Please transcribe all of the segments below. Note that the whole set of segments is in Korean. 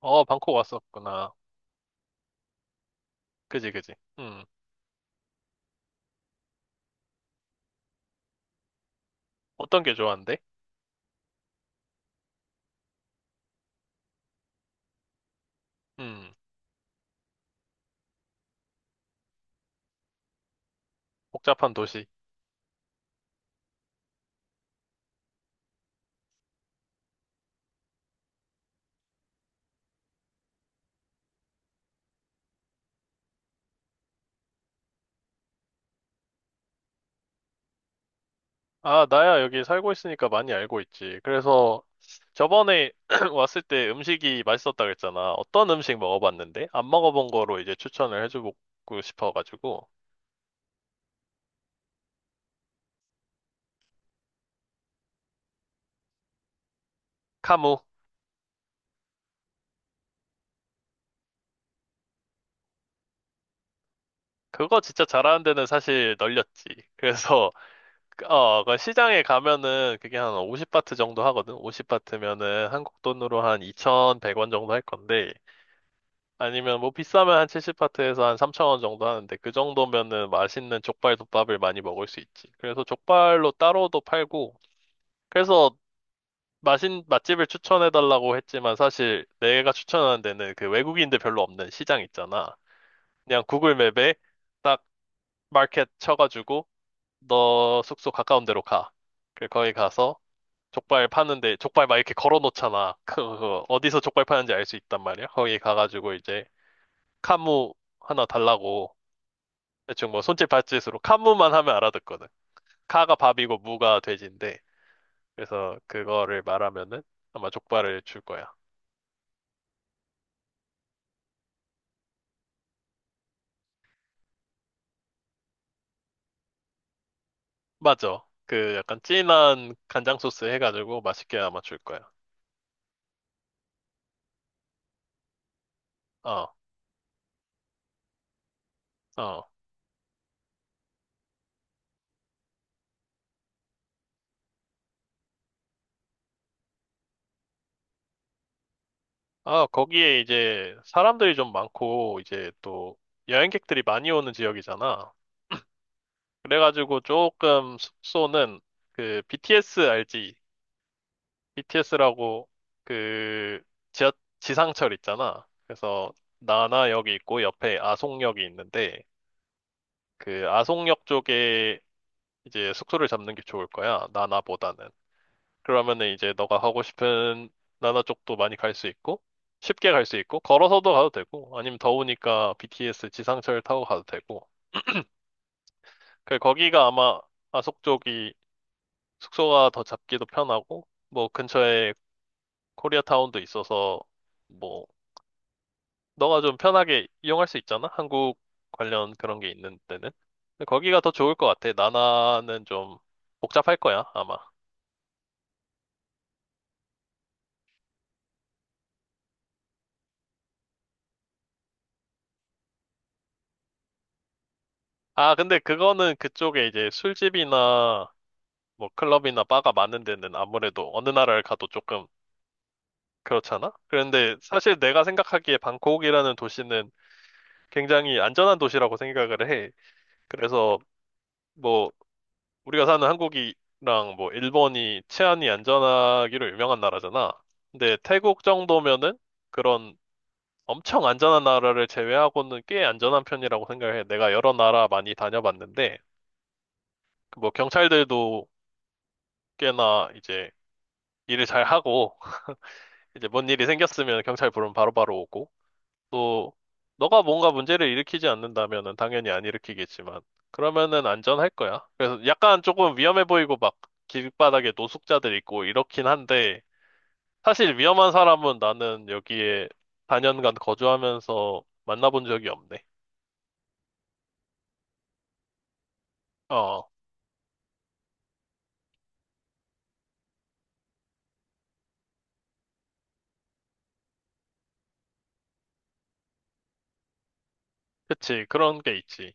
어, 방콕 왔었구나. 그지, 그지. 음. 어떤 게 좋아한데? 음. 복잡한 도시. 아, 나야 여기 살고 있으니까 많이 알고 있지. 그래서 저번에 왔을 때 음식이 맛있었다 그랬잖아. 어떤 음식 먹어봤는데? 안 먹어본 거로 이제 추천을 해주고 싶어가지고. 카무. 그거 진짜 잘하는 데는 사실 널렸지. 그래서, 어, 그 시장에 가면은 그게 한 50바트 정도 하거든? 50바트면은 한국 돈으로 한 2,100원 정도 할 건데. 아니면 뭐 비싸면 한 70파트에서 한 3,000원 정도 하는데 그 정도면은 맛있는 족발 덮밥을 많이 먹을 수 있지. 그래서 족발로 따로도 팔고 그래서 맛인 맛집을 추천해 달라고 했지만 사실 내가 추천하는 데는 그 외국인들 별로 없는 시장 있잖아. 그냥 구글 맵에 딱 마켓 쳐가지고 너 숙소 가까운 데로 가. 그 거기 가서 족발 파는데 족발 막 이렇게 걸어 놓잖아. 그 어디서 족발 파는지 알 수 있단 말이야. 거기 가가지고 이제 카무 하나 달라고 대충 뭐 손짓 발짓으로 카무만 하면 알아듣거든. 카가 밥이고 무가 돼지인데 그래서 그거를 말하면은 아마 족발을 줄 거야. 맞아. 그 약간 진한 간장 소스 해가지고 맛있게 아마 줄 거야. 어, 어. 아, 거기에 이제 사람들이 좀 많고 이제 또 여행객들이 많이 오는 지역이잖아. 그래가지고 조금 숙소는 그 BTS 알지? BTS라고 그 지하, 지상철 있잖아. 그래서 나나역이 있고 옆에 아송역이 있는데 그 아송역 쪽에 이제 숙소를 잡는 게 좋을 거야. 나나보다는. 그러면은 이제 너가 가고 싶은 나나 쪽도 많이 갈 수 있고 쉽게 갈 수 있고 걸어서도 가도 되고 아니면 더우니까 BTS 지상철 타고 가도 되고. 그 거기가 아마 아속 쪽이 숙소가 더 잡기도 편하고 뭐 근처에 코리아타운도 있어서 뭐 너가 좀 편하게 이용할 수 있잖아? 한국 관련 그런 게 있는 데는. 근데 거기가 더 좋을 것 같아. 나나는 좀 복잡할 거야, 아마. 아, 근데 그거는 그쪽에 이제 술집이나 뭐 클럽이나 바가 많은 데는 아무래도 어느 나라를 가도 조금 그렇잖아? 그런데 사실 내가 생각하기에 방콕이라는 도시는 굉장히 안전한 도시라고 생각을 해. 그래서 뭐 우리가 사는 한국이랑 뭐 일본이 치안이 안전하기로 유명한 나라잖아. 근데 태국 정도면은 그런 엄청 안전한 나라를 제외하고는 꽤 안전한 편이라고 생각해. 내가 여러 나라 많이 다녀봤는데 그뭐 경찰들도 꽤나 이제 일을 잘 하고 이제 뭔 일이 생겼으면 경찰 부르면 바로바로 오고 또 너가 뭔가 문제를 일으키지 않는다면은 당연히 안 일으키겠지만 그러면은 안전할 거야. 그래서 약간 조금 위험해 보이고 막 길바닥에 노숙자들 있고 이렇긴 한데 사실 위험한 사람은 나는 여기에 4년간 거주하면서 만나본 적이 없네. 어, 그치. 그런 게 있지.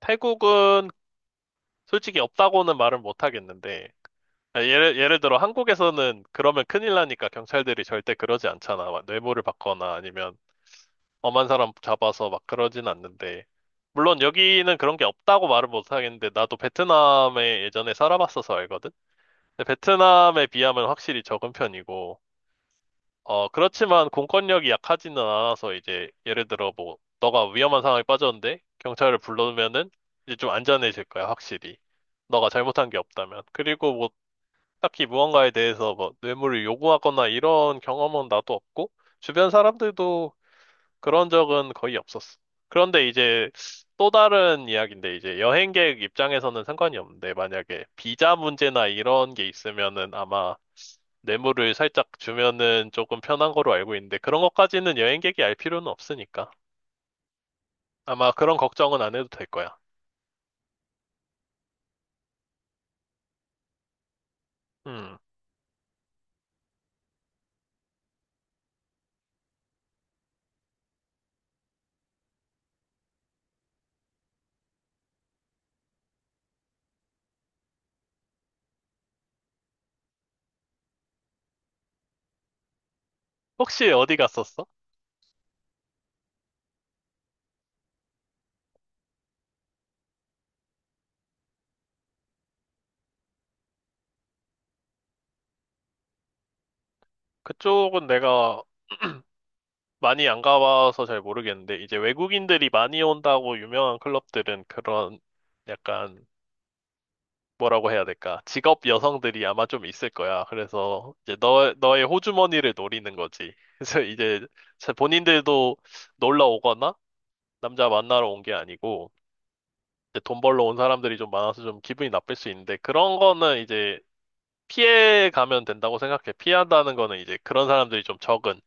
태국은 솔직히 없다고는 말은 못 하겠는데 아, 예를 들어 한국에서는 그러면 큰일 나니까 경찰들이 절대 그러지 않잖아. 막 뇌물을 받거나 아니면 엄한 사람 잡아서 막 그러진 않는데. 물론 여기는 그런 게 없다고 말을 못 하겠는데, 나도 베트남에 예전에 살아봤어서 알거든? 근데 베트남에 비하면 확실히 적은 편이고, 어, 그렇지만 공권력이 약하지는 않아서 이제, 예를 들어 뭐, 너가 위험한 상황에 빠졌는데, 경찰을 불러면은 이제 좀 안전해질 거야, 확실히. 너가 잘못한 게 없다면. 그리고 뭐, 딱히 무언가에 대해서 뭐, 뇌물을 요구하거나 이런 경험은 나도 없고, 주변 사람들도 그런 적은 거의 없었어. 그런데 이제 또 다른 이야기인데 이제 여행객 입장에서는 상관이 없는데 만약에 비자 문제나 이런 게 있으면은 아마 뇌물을 살짝 주면은 조금 편한 거로 알고 있는데 그런 것까지는 여행객이 알 필요는 없으니까 아마 그런 걱정은 안 해도 될 거야. 음. 혹시 어디 갔었어? 그쪽은 내가 많이 안 가봐서 잘 모르겠는데 이제 외국인들이 많이 온다고 유명한 클럽들은 그런 약간 뭐라고 해야 될까? 직업 여성들이 아마 좀 있을 거야. 그래서 이제 너, 너의 호주머니를 노리는 거지. 그래서 이제 본인들도 놀러 오거나 남자 만나러 온 게 아니고 이제 돈 벌러 온 사람들이 좀 많아서 좀 기분이 나쁠 수 있는데 그런 거는 이제 피해 가면 된다고 생각해. 피한다는 거는 이제 그런 사람들이 좀 적은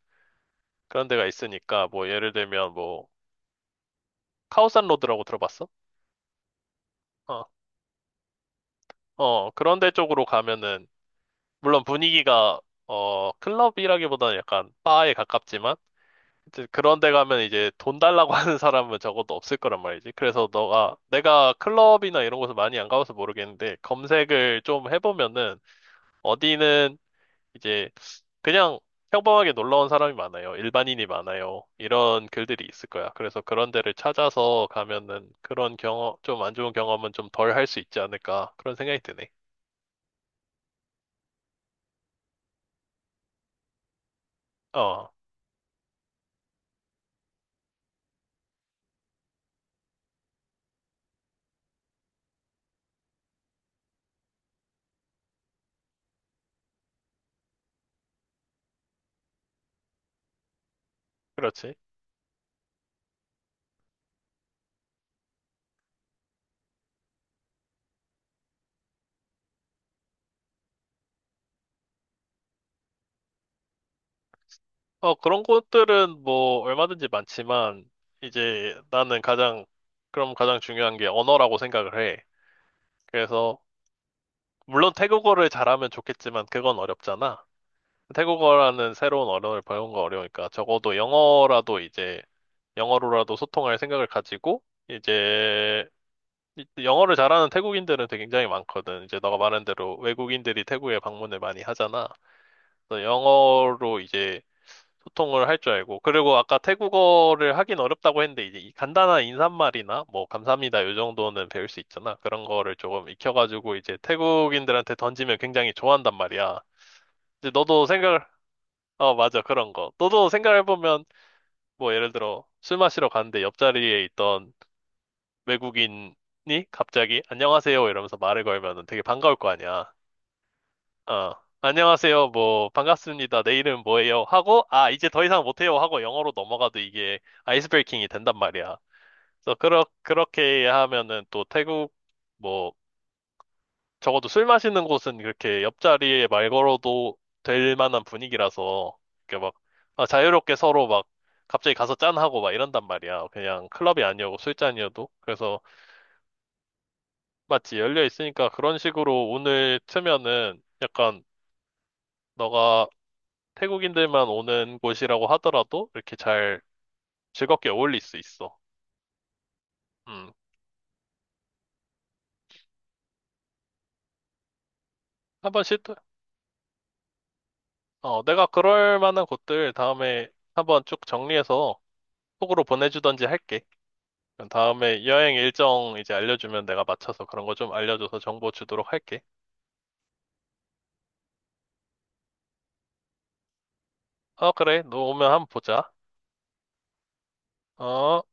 그런 데가 있으니까 뭐 예를 들면 뭐 카오산 로드라고 들어봤어? 어, 어, 그런 데 쪽으로 가면은 물론 분위기가 어 클럽이라기보다는 약간 바에 가깝지만 이제 그런 데 가면 이제 돈 달라고 하는 사람은 적어도 없을 거란 말이지. 그래서 너가 내가 클럽이나 이런 곳을 많이 안 가봐서 모르겠는데 검색을 좀 해보면은 어디는 이제 그냥 평범하게 놀러 온 사람이 많아요. 일반인이 많아요. 이런 글들이 있을 거야. 그래서 그런 데를 찾아서 가면은 그런 경험, 좀 안 좋은 경험은 좀 덜 할 수 있지 않을까. 그런 생각이 드네. 어, 그렇지. 어, 그런 것들은 뭐 얼마든지 많지만 이제 나는 가장 그럼 가장 중요한 게 언어라고 생각을 해. 그래서 물론 태국어를 잘하면 좋겠지만 그건 어렵잖아. 태국어라는 새로운 언어를 배우는 거 어려우니까 적어도 영어라도 이제 영어로라도 소통할 생각을 가지고 이제 영어를 잘하는 태국인들은 되게 굉장히 많거든. 이제 너가 말한 대로 외국인들이 태국에 방문을 많이 하잖아. 그래서 영어로 이제 소통을 할 줄 알고. 그리고 아까 태국어를 하긴 어렵다고 했는데, 이제 이 간단한 인사말이나, 뭐, 감사합니다, 요 정도는 배울 수 있잖아. 그런 거를 조금 익혀가지고, 이제 태국인들한테 던지면 굉장히 좋아한단 말이야. 이제 너도 생각을, 어, 맞아, 그런 거. 너도 생각해보면, 뭐, 예를 들어, 술 마시러 갔는데 옆자리에 있던 외국인이 갑자기, 안녕하세요, 이러면서 말을 걸면은 되게 반가울 거 아니야. 어, 안녕하세요. 뭐, 반갑습니다. 내 이름 뭐예요? 하고, 아, 이제 더 이상 못해요. 하고 영어로 넘어가도 이게 아이스 브레이킹이 된단 말이야. 그래서, 그렇게 하면은 또 태국, 뭐, 적어도 술 마시는 곳은 그렇게 옆자리에 말 걸어도 될 만한 분위기라서, 이렇게 막, 아, 자유롭게 서로 막, 갑자기 가서 짠하고 막 이런단 말이야. 그냥 클럽이 아니어도 술잔이어도. 그래서, 마치 열려 있으니까 그런 식으로 오늘 트면은 약간, 너가 태국인들만 오는 곳이라고 하더라도 이렇게 잘 즐겁게 어울릴 수 있어. 음, 한번 시도, 어, 내가 그럴 만한 곳들 다음에 한번 쭉 정리해서 톡으로 보내주던지 할게. 그럼 다음에 여행 일정 이제 알려주면 내가 맞춰서 그런 거 좀 알려줘서 정보 주도록 할게. 어, 그래. 너 오면 한번 보자. 어.